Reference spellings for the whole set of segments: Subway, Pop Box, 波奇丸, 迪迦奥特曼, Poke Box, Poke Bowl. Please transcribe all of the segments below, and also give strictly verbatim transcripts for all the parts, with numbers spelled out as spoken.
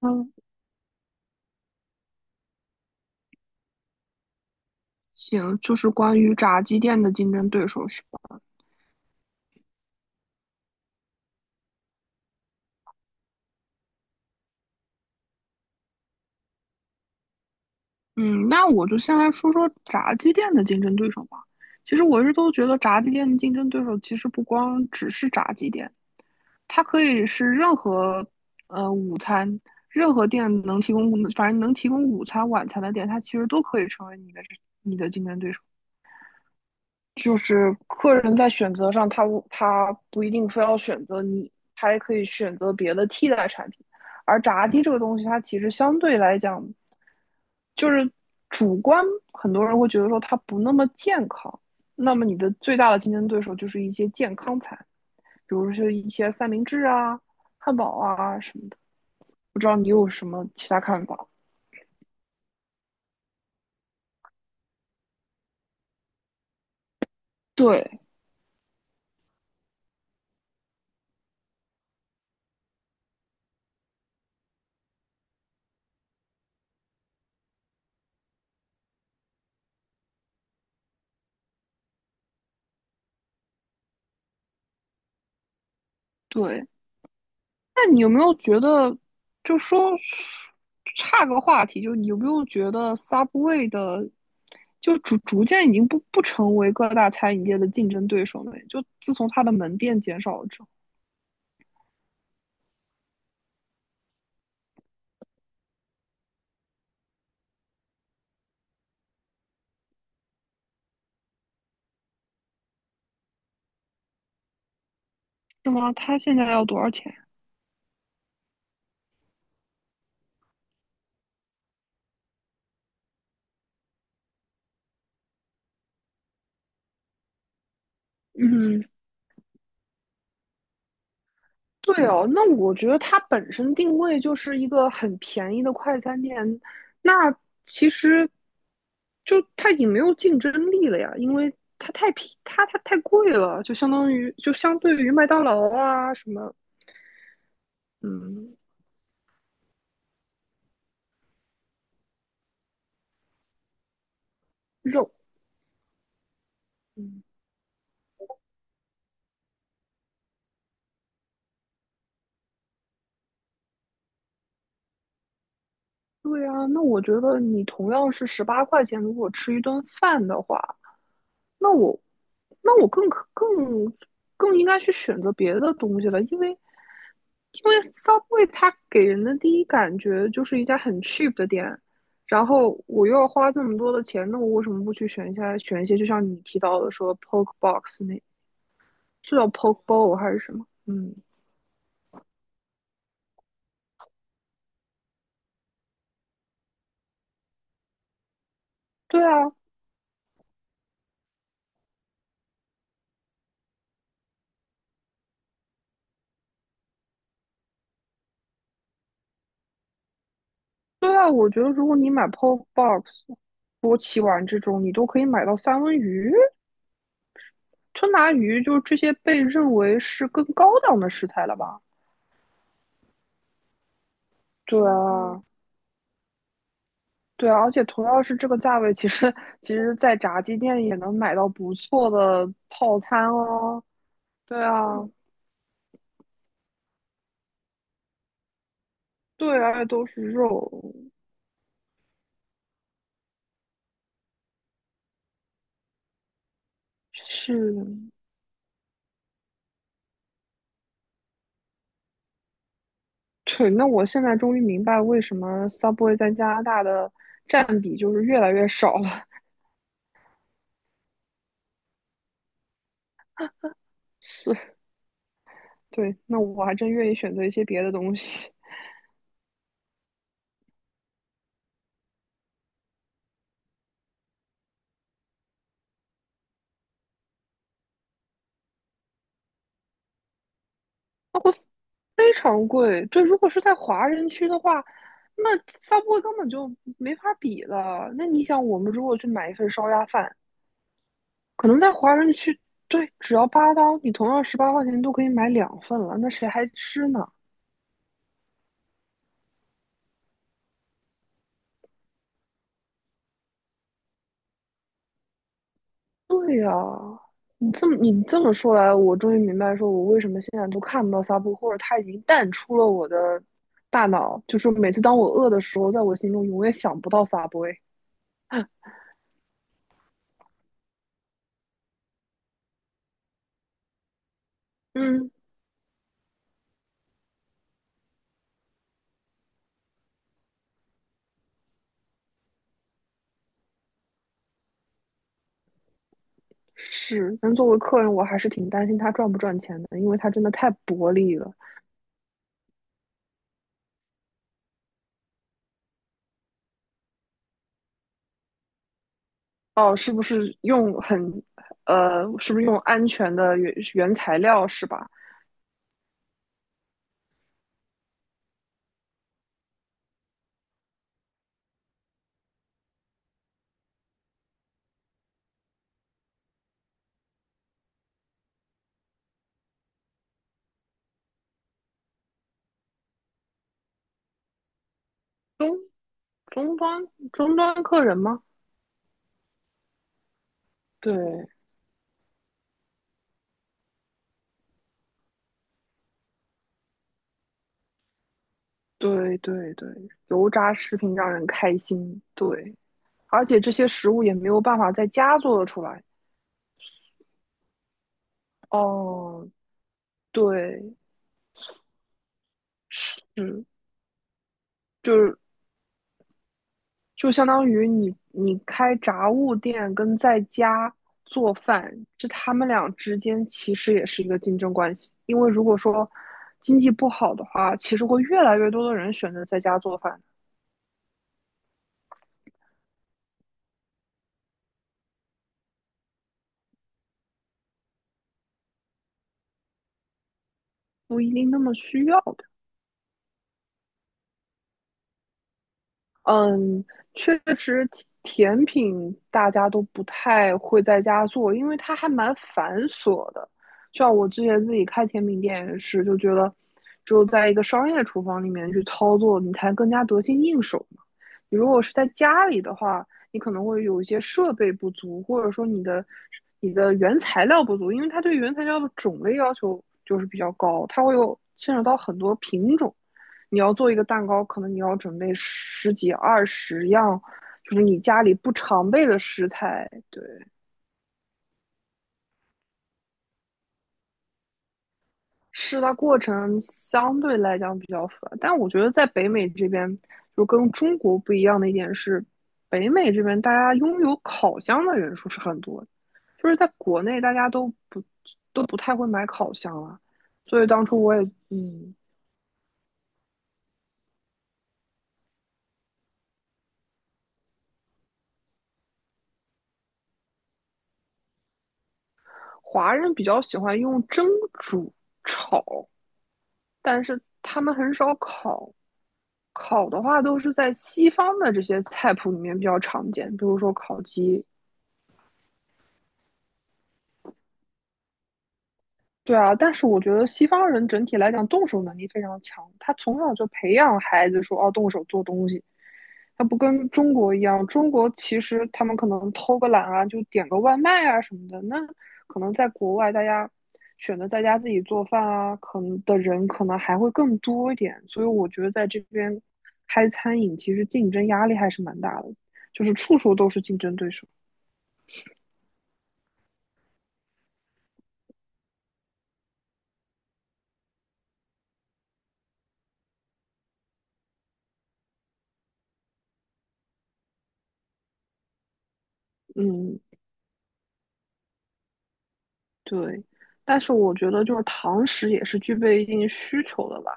嗯，行，就是关于炸鸡店的竞争对手是吧？嗯，那我就先来说说炸鸡店的竞争对手吧。其实我一直都觉得炸鸡店的竞争对手其实不光只是炸鸡店，它可以是任何呃午餐，任何店能提供，反正能提供午餐、晚餐的店，它其实都可以成为你的你的竞争对手。就是客人在选择上他，他他不一定非要选择你，他也可以选择别的替代产品。而炸鸡这个东西，它其实相对来讲，就是主观，很多人会觉得说它不那么健康。那么你的最大的竞争对手就是一些健康餐，比如说一些三明治啊、汉堡啊什么的。不知道你有什么其他看法？对对，那你有没有觉得，就说差个话题，就你有没有觉得 Subway 的，就逐逐渐已经不不成为各大餐饮业的竞争对手了？就自从它的门店减少了之后，是吗？它现在要多少钱？嗯，对哦，那我觉得它本身定位就是一个很便宜的快餐店，那其实就它已经没有竞争力了呀，因为它太便，它它太贵了，就相当于就相对于麦当劳啊什么，嗯，肉，嗯对啊，那我觉得你同样是十八块钱，如果吃一顿饭的话，那我，那我更可更更应该去选择别的东西了，因为因为 Subway 它给人的第一感觉就是一家很 cheap 的店，然后我又要花这么多的钱，那我为什么不去选一下选一些就像你提到的说 Poke Box 那，是叫 Poke Bowl 还是什么？嗯，对啊，对啊，我觉得如果你买 Pop Box、波奇丸这种，你都可以买到三文鱼、吞拿鱼，就是这些被认为是更高档的食材了吧？对啊，对啊，而且同样是这个价位，其实其实，在炸鸡店也能买到不错的套餐哦。对啊，对啊，都是肉，是，对。那我现在终于明白为什么 Subway 在加拿大的占比就是越来越少了，是。对，那我还真愿意选择一些别的东西，那会非常贵。对，如果是在华人区的话，那 Subway 根本就没法比了。那你想，我们如果去买一份烧鸭饭，可能在华人区，对，只要八刀，你同样十八块钱都可以买两份了，那谁还吃呢？对呀，你这么你这么说来，我终于明白，说我为什么现在都看不到 Subway，或者它已经淡出了我的大脑。就是每次当我饿的时候，在我心中永远想不到 Subway。哎嗯，是，但作为客人，我还是挺担心他赚不赚钱的，因为他真的太薄利了。哦，是不是用很，呃，是不是用安全的原原材料是吧？中终端终端客人吗？对对对对，油炸食品让人开心，对，而且这些食物也没有办法在家做得出来。哦，对，嗯，就是就相当于你你开杂物店跟在家做饭，这他们俩之间其实也是一个竞争关系。因为如果说经济不好的话，其实会越来越多的人选择在家做饭，不一定那么需要的。嗯，确实甜，甜品大家都不太会在家做，因为它还蛮繁琐的。像我之前自己开甜品店也是，就觉得只有在一个商业厨房里面去操作，你才更加得心应手嘛。你如果是在家里的话，你可能会有一些设备不足，或者说你的你的原材料不足，因为它对原材料的种类要求就是比较高，它会有牵扯到很多品种。你要做一个蛋糕，可能你要准备十几二十样，就是你家里不常备的食材。对，试的过程相对来讲比较复杂，但我觉得在北美这边，就跟中国不一样的一点是，北美这边大家拥有烤箱的人数是很多的。就是在国内大家都不都不太会买烤箱了，所以当初我也嗯，华人比较喜欢用蒸、煮、炒，但是他们很少烤。烤的话都是在西方的这些菜谱里面比较常见，比如说烤鸡，对啊，但是我觉得西方人整体来讲动手能力非常强，他从小就培养孩子说哦动手做东西，他不跟中国一样，中国其实他们可能偷个懒啊，就点个外卖啊什么的，那可能在国外大家选择在家自己做饭啊，可能的人可能还会更多一点，所以我觉得在这边开餐饮其实竞争压力还是蛮大的，就是处处都是竞争对手，嗯。对，但是我觉得就是堂食也是具备一定需求的吧，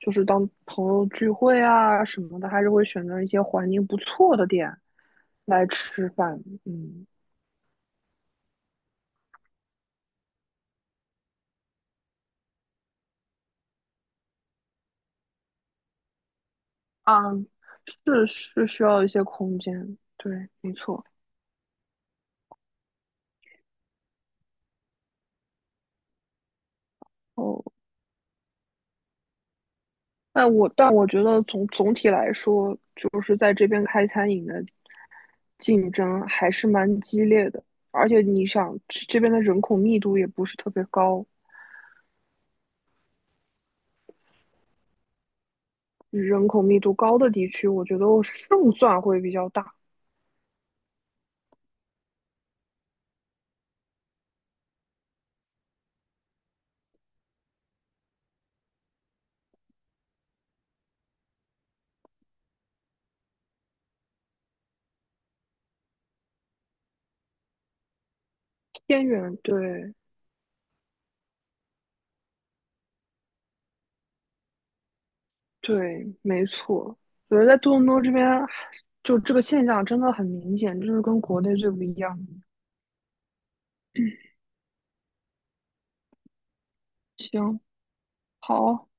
就是当朋友聚会啊什么的，还是会选择一些环境不错的店来吃饭。嗯，啊，是是需要一些空间，对，没错。哦，但我但我觉得总总体来说，就是在这边开餐饮的竞争还是蛮激烈的，而且你想，这这边的人口密度也不是特别高。人口密度高的地区，我觉得胜算会比较大。偏远，对对，没错。我觉得在多伦多这边，就这个现象真的很明显，这是跟国内最不一样的。行，好，